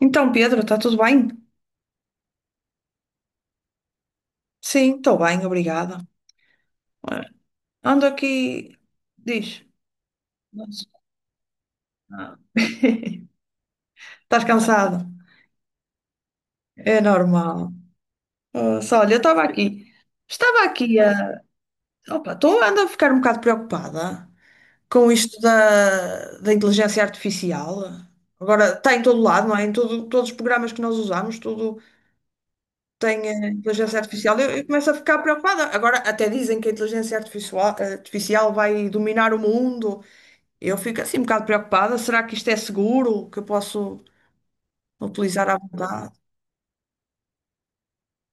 Então, Pedro, está tudo bem? Sim, estou bem, obrigada. Ora, ando aqui, diz. Nossa. Ah, Estás cansado? É normal. Só, olha, eu estava aqui. Estava aqui a. Opa, estou Ando a ficar um bocado preocupada com isto da inteligência artificial. Agora está em todo lado, não é? Todos os programas que nós usamos, tudo tem inteligência artificial. Eu começo a ficar preocupada. Agora até dizem que a inteligência artificial vai dominar o mundo. Eu fico assim um bocado preocupada. Será que isto é seguro? Que eu posso utilizar à vontade?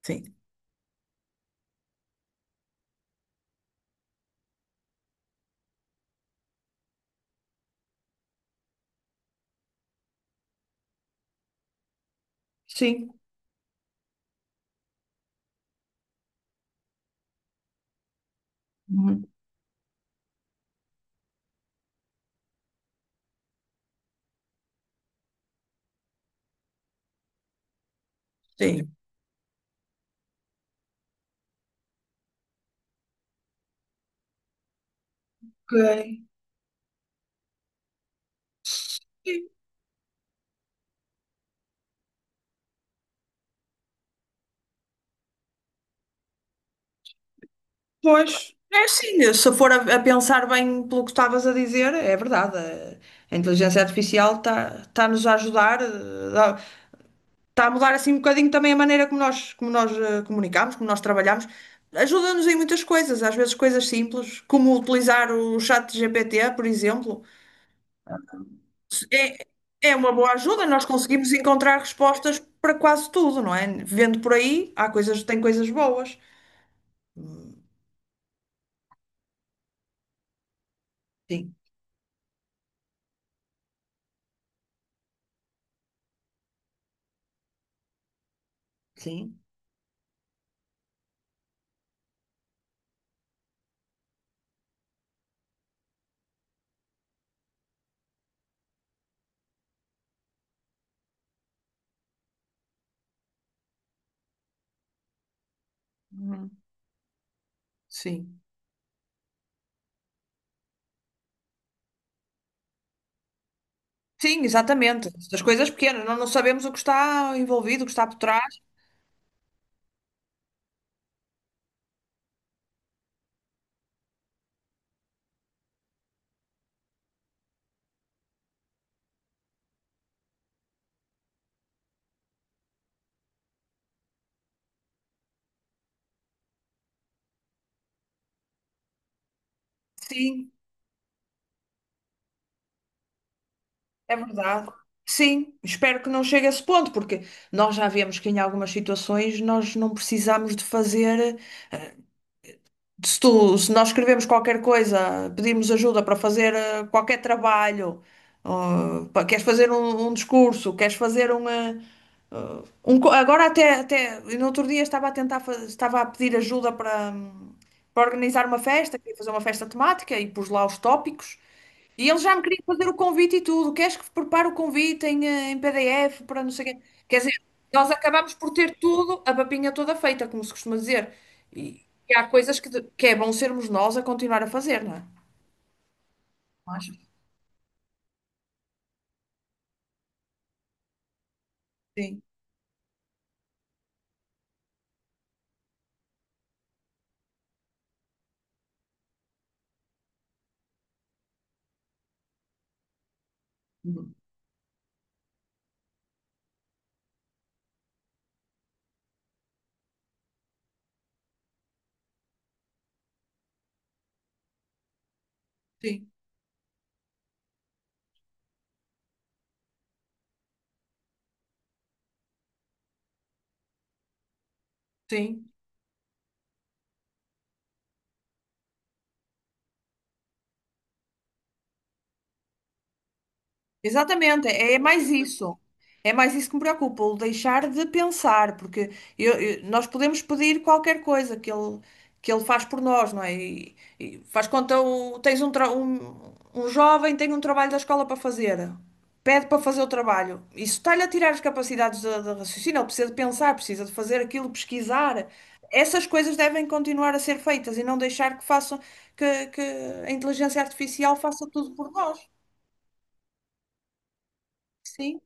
Sim. Sim. Uhum. Sim. Ok. Sim. Pois, é sim. Se for a pensar bem pelo que estavas a dizer, é verdade. A inteligência artificial está-nos a ajudar, está a mudar assim um bocadinho também a maneira como como nós comunicamos, como nós trabalhamos. Ajuda-nos em muitas coisas, às vezes coisas simples, como utilizar o chat GPT, por exemplo. É, é uma boa ajuda, nós conseguimos encontrar respostas para quase tudo, não é? Vendo por aí, há coisas, tem coisas boas. Sim, sim. Uhum. Sim. Sim, exatamente. Das coisas pequenas, nós não sabemos o que está envolvido, o que está por trás. Sim, é verdade. Sim, espero que não chegue a esse ponto, porque nós já vemos que em algumas situações nós não precisamos de fazer. Se nós escrevemos qualquer coisa, pedimos ajuda para fazer qualquer trabalho, queres fazer um discurso, queres fazer um. Agora até no outro dia estava a pedir ajuda para, para organizar uma festa, queria fazer uma festa temática e pus lá os tópicos. E ele já me queria fazer o convite e tudo. Queres que prepare o convite em, em PDF para não sei o quê? Quer dizer, nós acabamos por ter tudo, a papinha toda feita, como se costuma dizer. E há coisas que, que é bom sermos nós a continuar a fazer, não é? Acho sim. Uhum. Sim, sim. Exatamente, é mais isso. É mais isso que me preocupa, o deixar de pensar, porque nós podemos pedir qualquer coisa que que ele faz por nós, não é? E faz conta, o- tens um, tra- um jovem tem um trabalho da escola para fazer, pede para fazer o trabalho. Isso está-lhe a tirar as capacidades de raciocínio, ele precisa de pensar, precisa de fazer aquilo, pesquisar. Essas coisas devem continuar a ser feitas e não deixar que façam, que a inteligência artificial faça tudo por nós. Sim.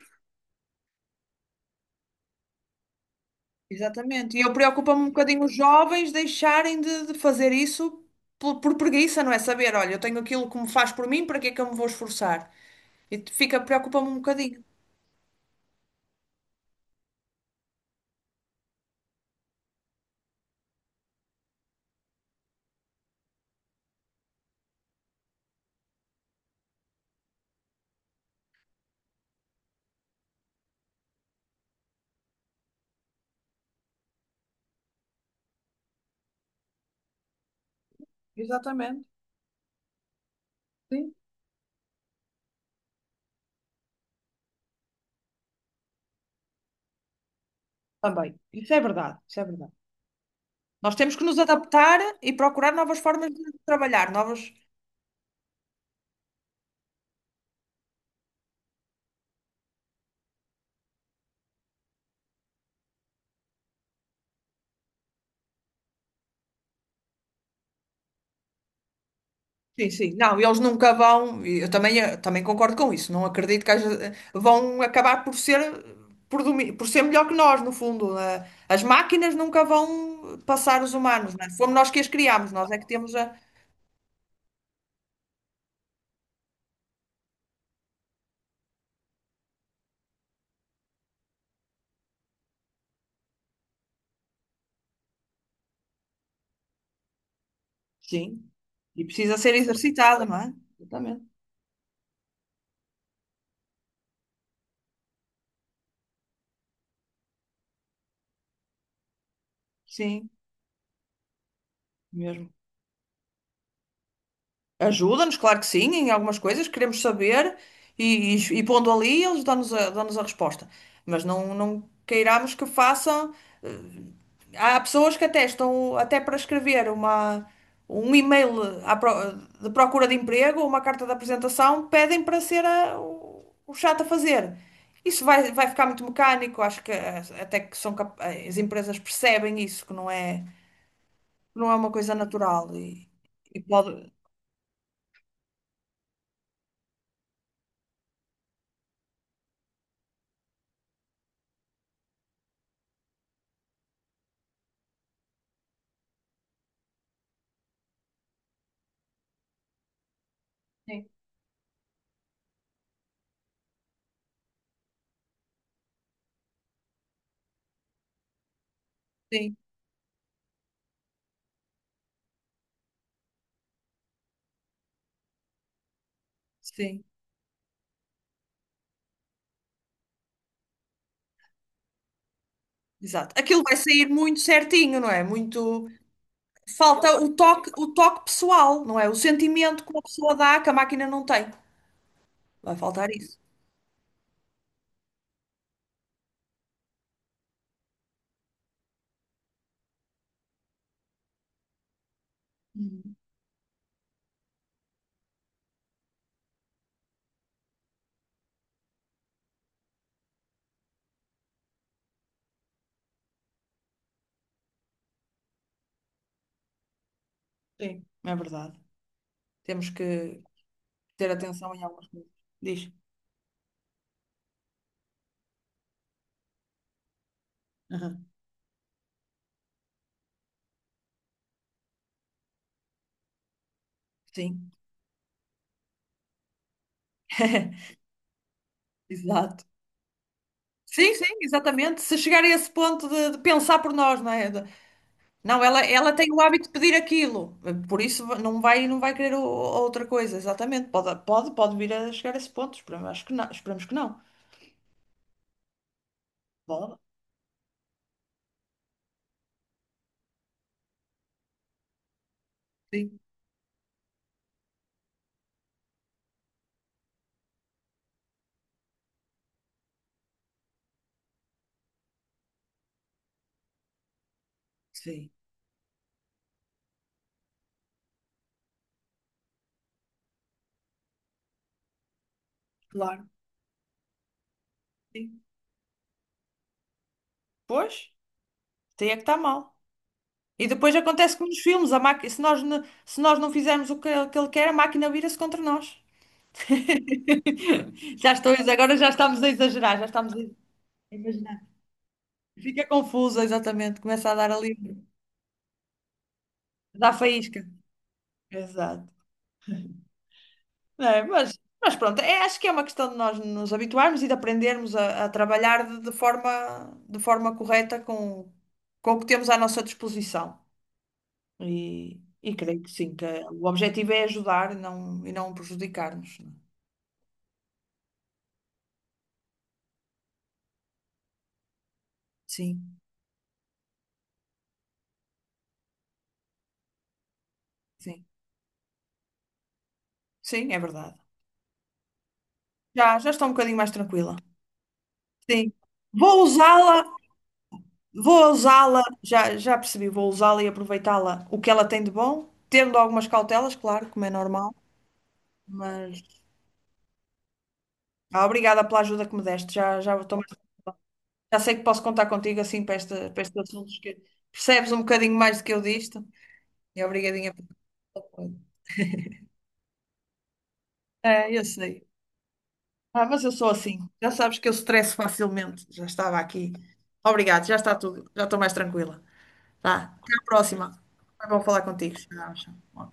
Exatamente. E eu preocupo-me um bocadinho os jovens deixarem de fazer isso por preguiça, não é? Saber, olha, eu tenho aquilo que me faz por mim, para que é que eu me vou esforçar? Fica, preocupa-me um bocadinho. Exatamente. Sim, também. Isso é verdade, isso é verdade. Nós temos que nos adaptar e procurar novas formas de trabalhar, novas. Sim, sim. Não, eles nunca vão, e eu também, também concordo com isso, não acredito que vão acabar por ser, por ser melhor que nós, no fundo. As máquinas nunca vão passar os humanos, não é? Fomos nós que as criámos, nós é que temos a... Sim, e precisa ser exercitada, não é? Exatamente. Sim, mesmo. Ajuda-nos, claro que sim, em algumas coisas, queremos saber, e pondo ali, eles dão-nos dão-nos a resposta. Mas não queiramos que façam. eh, Há pessoas que até estão até para escrever um e-mail de procura de emprego ou uma carta de apresentação, pedem para ser o chato a fazer. Isso vai, vai ficar muito mecânico, acho que eh, até que são cap- eh, as empresas percebem isso, que não é uma coisa natural e pode. Sim, sim, sim, exato. Aquilo vai sair muito certinho, não é? Muito. Falta o toque pessoal, não é? O sentimento que uma pessoa dá que a máquina não tem. Vai faltar isso. Uhum. Sim, é verdade. Temos que ter atenção em algumas coisas. Diz. Aham. Sim, exato. Sim, sim, exatamente. Se chegar a esse ponto de pensar por nós, não é? De- Não, ela tem o hábito de pedir aquilo, por isso não vai querer outra coisa, exatamente. Pode vir a chegar a esse ponto, esperamos, acho que não, esperamos que não. Pode, sim, sim, claro, sim. Pois, tem é que está mal. E depois acontece como nos filmes, a máquina, se se nós não fizermos o que ele quer, a máquina vira-se contra nós. Já estou, agora já estamos a exagerar, já estamos a imaginar. Fica confusa, exatamente, começa a dar ali, dá faísca. Exato. É, mas pronto, acho que é uma questão de nós nos habituarmos e de aprendermos a trabalhar de forma correta com o que temos à nossa disposição. E creio que sim, que o objetivo é ajudar e não prejudicar-nos. Sim, sim. Sim, é verdade. Já, já estou um bocadinho mais tranquila. Sim. Vou usá-la, vou usá-la, já, já percebi, vou usá-la e aproveitá-la o que ela tem de bom, tendo algumas cautelas, claro, como é normal, mas obrigada pela ajuda que me deste. Estou já sei que posso contar contigo assim para, esta, para estes assuntos que percebes um bocadinho mais do que eu disto. E obrigadinha pelo teu apoio. É, eu sei. Ah, mas eu sou assim. Já sabes que eu estresso facilmente. Já estava aqui. Obrigado, já está tudo. Já estou mais tranquila. Vá, até à próxima. Foi bom falar contigo. Tchau, tchau.